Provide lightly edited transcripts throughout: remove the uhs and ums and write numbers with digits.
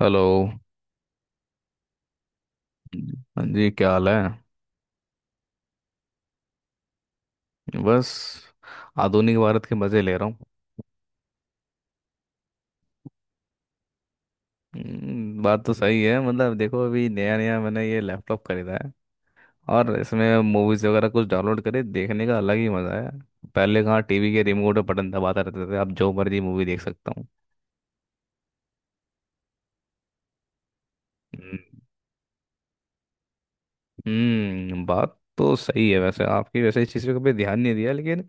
Hello. हाँ जी, क्या हाल है? बस, आधुनिक भारत के मज़े ले रहा हूँ। बात तो सही है। मतलब देखो, अभी नया नया मैंने ये लैपटॉप खरीदा है और इसमें मूवीज़ वगैरह कुछ डाउनलोड करे देखने का अलग ही मज़ा है। पहले कहाँ टीवी के रिमोट पे बटन दबाता रहते थे, अब जो मर्जी मूवी देख सकता हूँ। हम्म। बात तो सही है वैसे आपकी। वैसे इस चीज़ पे कभी ध्यान नहीं दिया लेकिन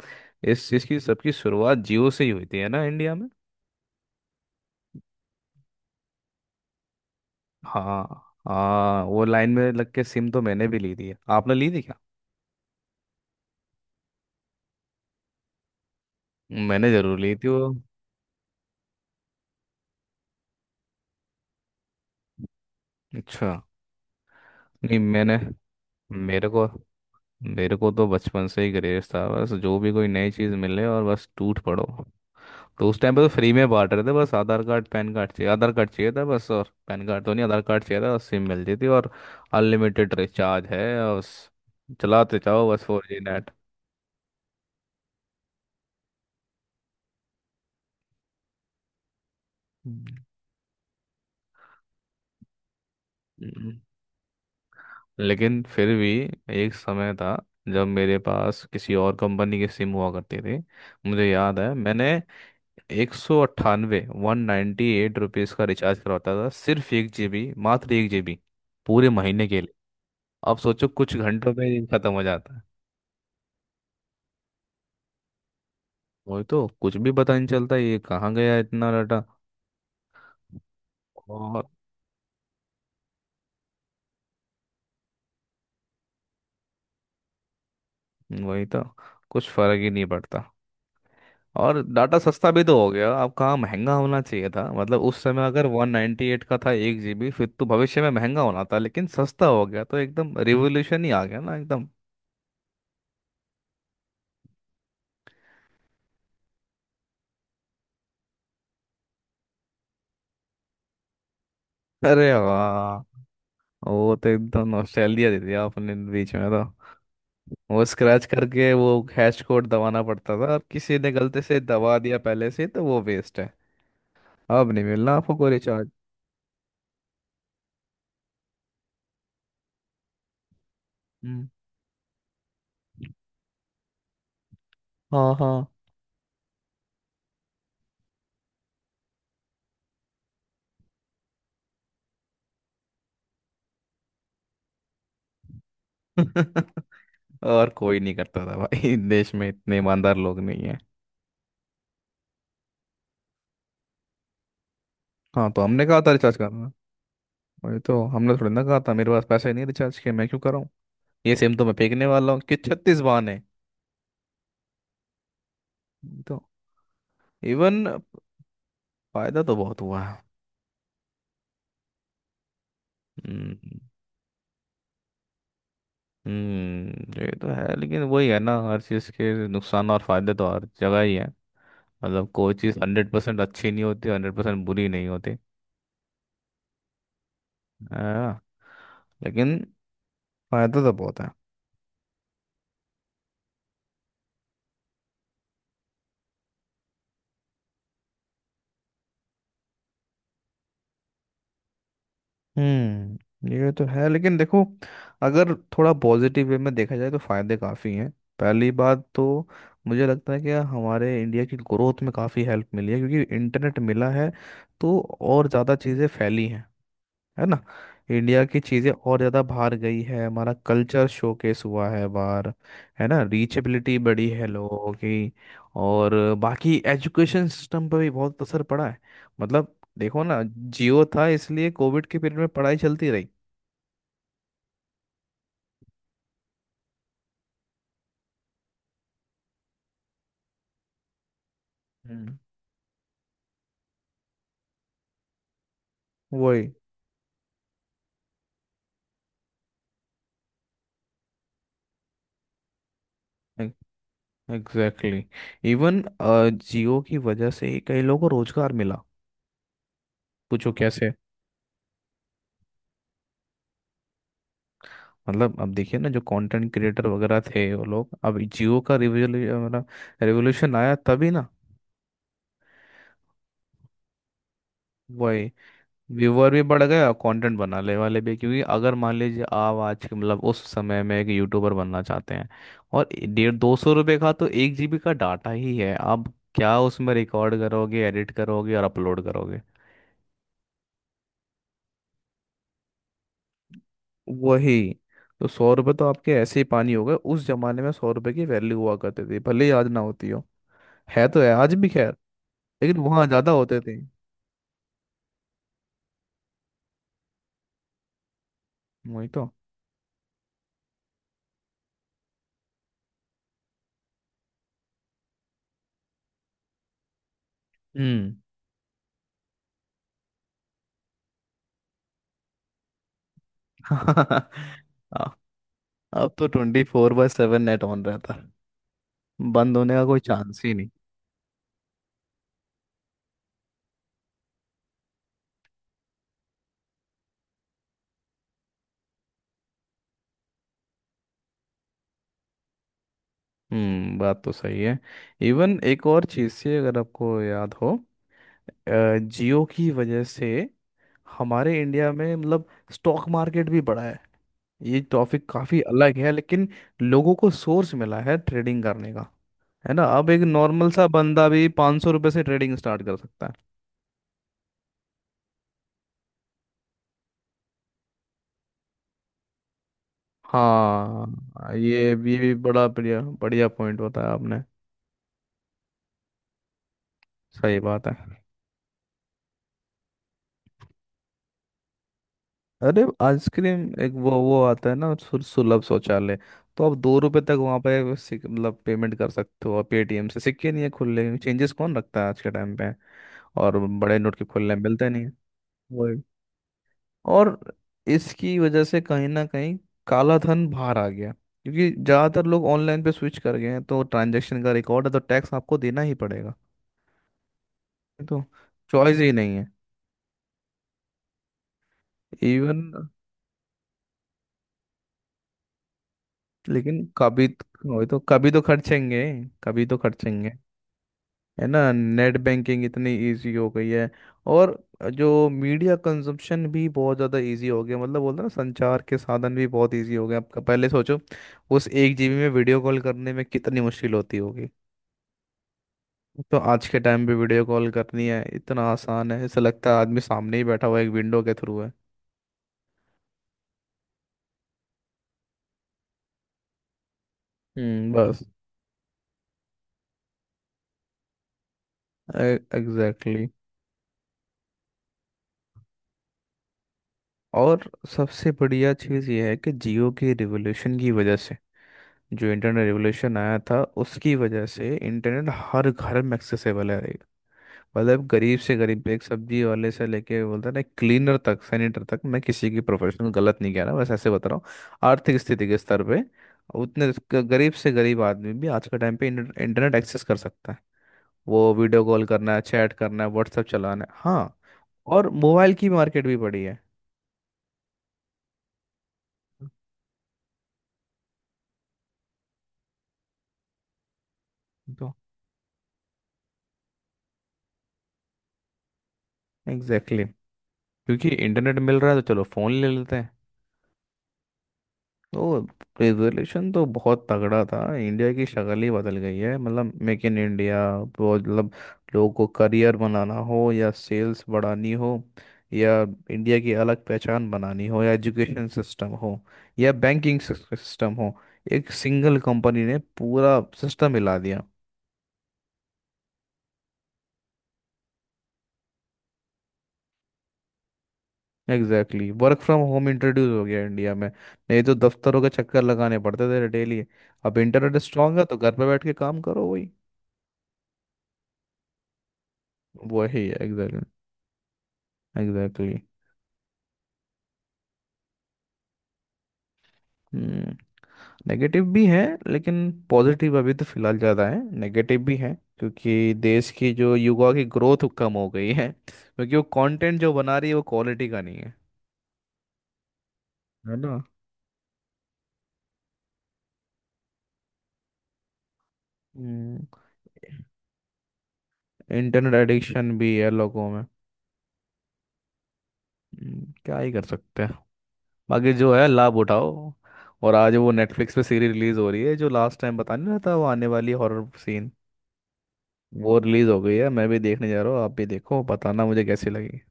इस चीज़ की सबकी शुरुआत जियो से ही हुई थी, है ना इंडिया। हाँ। हाँ, वो लाइन में लग के सिम तो मैंने भी ली थी। आपने ली थी क्या? मैंने जरूर ली थी वो। अच्छा। नहीं, मैंने मेरे को मेरे को तो बचपन से ही क्रेज था, बस जो भी कोई नई चीज़ मिले और बस टूट पड़ो। तो उस टाइम पे तो फ्री में बांट रहे थे, बस आधार कार्ड पैन कार्ड चाहिए, आधार कार्ड चाहिए था बस, और पैन कार्ड तो नहीं, आधार कार्ड चाहिए था, और सिम मिल जाती थी और अनलिमिटेड रिचार्ज है, और बस चलाते जाओ बस 4G नेट। लेकिन फिर भी एक समय था जब मेरे पास किसी और कंपनी के सिम हुआ करते थे। मुझे याद है मैंने 198, 198 रुपीज़ का रिचार्ज करवाता था, सिर्फ 1 जीबी, मात्र 1 जीबी, पूरे महीने के लिए। अब सोचो कुछ घंटों में ही खत्म हो जाता है। वही तो, कुछ भी पता नहीं चलता, ये कहाँ गया इतना डाटा। और वही तो, कुछ फर्क ही नहीं पड़ता। और डाटा सस्ता भी तो हो गया, अब कहाँ महंगा होना चाहिए था। मतलब उस समय अगर 198 का था 1 जीबी, फिर तो भविष्य में महंगा होना था, लेकिन सस्ता हो गया तो एकदम रिवोल्यूशन ही आ गया ना एकदम। अरे वाह, वो तो एकदम नॉस्टैल्जिया दे दिया आपने बीच में तो। वो स्क्रैच करके वो हैश कोड दबाना पड़ता था, और किसी ने गलती से दबा दिया पहले से तो वो वेस्ट है, अब नहीं मिलना आपको कोई रिचार्ज। हम्म, हाँ हाँ। और कोई नहीं करता था भाई, देश में इतने ईमानदार लोग नहीं। हाँ, तो हमने कहा था रिचार्ज करना? वही तो, हमने थोड़ी ना कहा था। मेरे पास पैसे नहीं रिचार्ज के, मैं क्यों कराऊँ? ये सिम तो मैं फेंकने वाला हूँ कि छत्तीस बहाने। वही तो। इवन, फायदा तो बहुत हुआ है। हम्म। ये तो है। लेकिन वही है ना, हर चीज़ के नुकसान और फायदे तो हर जगह ही है। मतलब कोई चीज़ 100% अच्छी नहीं होती, 100% बुरी नहीं होती। हाँ। लेकिन फायदा तो बहुत है। हम्म, ये तो है। लेकिन देखो, अगर थोड़ा पॉजिटिव वे में देखा जाए तो फायदे काफ़ी हैं। पहली बात तो, मुझे लगता है कि हमारे इंडिया की ग्रोथ में काफ़ी हेल्प मिली है, क्योंकि इंटरनेट मिला है तो और ज़्यादा चीज़ें फैली हैं। है ना। इंडिया की चीज़ें और ज़्यादा बाहर गई है, हमारा कल्चर शोकेस हुआ है बाहर। है ना, रीचेबिलिटी बढ़ी है लोगों की। और बाकी एजुकेशन सिस्टम पर भी बहुत असर पड़ा है। मतलब देखो ना, जियो था इसलिए कोविड के पीरियड में पढ़ाई चलती रही। हम्म। वही। एग्जैक्टली। इवन, जियो की वजह से ही कई लोगों को रोजगार मिला। पूछो कैसे। मतलब अब देखिए ना, जो कंटेंट क्रिएटर वगैरह थे, वो लोग अब जियो का रिवोल्यूशन आया तभी ना। वही। व्यूअर भी बढ़ गया, कंटेंट बनाने वाले भी, क्योंकि अगर मान लीजिए आप आज के, मतलब उस समय में एक यूट्यूबर बनना चाहते हैं, और 150-200 रुपये का तो 1 जीबी का डाटा ही है आप, क्या उसमें रिकॉर्ड करोगे, एडिट करोगे और अपलोड करोगे? वही तो। 100 रुपये तो आपके ऐसे ही पानी हो गए। उस जमाने में 100 रुपये की वैल्यू हुआ करती थी, भले ही आज ना होती हो। है तो है आज भी, खैर। लेकिन वहाँ ज़्यादा होते थे। वही तो। हम्म हाँ, अब तो 24/7 नेट ऑन रहता, बंद होने का कोई चांस ही नहीं। हम्म, बात तो सही है। इवन एक और चीज़ से, अगर आपको याद हो, जियो की वजह से हमारे इंडिया में, मतलब स्टॉक मार्केट भी बढ़ा है। ये टॉपिक काफ़ी अलग है लेकिन लोगों को सोर्स मिला है ट्रेडिंग करने का। है ना, अब एक नॉर्मल सा बंदा भी 500 रुपये से ट्रेडिंग स्टार्ट कर सकता है। हाँ, ये भी, बड़ा बढ़िया बढ़िया पॉइंट बताया आपने। सही बात है। अरे आइसक्रीम, एक वो आता है ना सुलभ शौचालय, तो आप 2 रुपए तक वहाँ पे मतलब पेमेंट कर सकते हो। और पेटीएम से, सिक्के नहीं है खुले, चेंजेस कौन रखता है आज के टाइम पे। और बड़े नोट के खुले मिलते नहीं हैं। वही। और इसकी वजह से कहीं ना कहीं काला धन बाहर आ गया, क्योंकि ज़्यादातर लोग ऑनलाइन पे स्विच कर गए हैं तो ट्रांजैक्शन का रिकॉर्ड है तो टैक्स आपको देना ही पड़ेगा। ये तो, चॉइस ही नहीं है। इवन, लेकिन कभी, वही तो, कभी तो खर्चेंगे। कभी तो खर्चेंगे। है ना, नेट बैंकिंग इतनी इजी हो गई है। और जो मीडिया कंजप्शन भी बहुत ज़्यादा इजी हो गया, मतलब बोलते हैं ना, संचार के साधन भी बहुत इजी हो गए आपका। पहले सोचो, उस 1 जीबी में वीडियो कॉल करने में कितनी मुश्किल होती होगी। तो आज के टाइम पे वीडियो कॉल करनी है इतना आसान है, ऐसा लगता है आदमी सामने ही बैठा हुआ है, एक विंडो के थ्रू है। हम्म, बस। Exactly exactly। और सबसे बढ़िया चीज़ ये है कि जियो के रिवोल्यूशन की वजह से, जो इंटरनेट रेवोल्यूशन आया था, उसकी वजह से इंटरनेट हर घर में एक्सेसिबल है। मतलब गरीब से गरीब, एक सब्जी वाले से लेके, बोलते हैं ना क्लीनर तक, सैनिटर तक, मैं किसी की प्रोफेशनल गलत नहीं कह रहा, बस ऐसे बता रहा हूँ आर्थिक स्थिति के स्तर पे। उतने गरीब से गरीब आदमी भी आज के टाइम पे इंटरनेट एक्सेस कर सकता है। वो वीडियो कॉल करना है, चैट करना है, व्हाट्सएप चलाना है। हाँ। और मोबाइल की मार्केट भी बड़ी है तो। Exactly exactly। क्योंकि इंटरनेट मिल रहा है तो चलो फ़ोन ले लेते हैं। वो रिजोल्यूशन तो बहुत तगड़ा था, इंडिया की शक्ल ही बदल गई है। मतलब मेक इन इंडिया, वो मतलब लोगों को करियर बनाना हो, या सेल्स बढ़ानी हो, या इंडिया की अलग पहचान बनानी हो, या एजुकेशन सिस्टम हो, या बैंकिंग सिस्टम हो, एक सिंगल कंपनी ने पूरा सिस्टम हिला दिया। Exactly, work from home introduce हो गया इंडिया में, नहीं तो दफ्तरों के चक्कर लगाने पड़ते थे डेली। अब इंटरनेट स्ट्रांग है तो घर पे बैठ के काम करो। वही। वही है एग्जैक्टली। एग्जैक्टली। हम्म, नेगेटिव भी है, लेकिन पॉजिटिव अभी तो फिलहाल ज़्यादा है। नेगेटिव भी है, क्योंकि देश की जो युवा की ग्रोथ कम हो गई है, क्योंकि वो कंटेंट जो बना रही है वो क्वालिटी का नहीं है। है ना। हम्म, इंटरनेट एडिक्शन भी है लोगों में। क्या ही कर सकते हैं। बाकी जो है, लाभ उठाओ। और आज वो नेटफ्लिक्स पे सीरीज रिलीज हो रही है, जो लास्ट टाइम बता नहीं रहा था, वो आने वाली हॉरर सीन, वो रिलीज हो गई है। मैं भी देखने जा रहा हूँ, आप भी देखो, बताना मुझे कैसी लगी।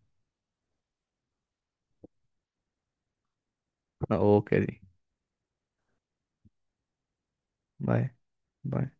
ओके जी। बाय। बाय।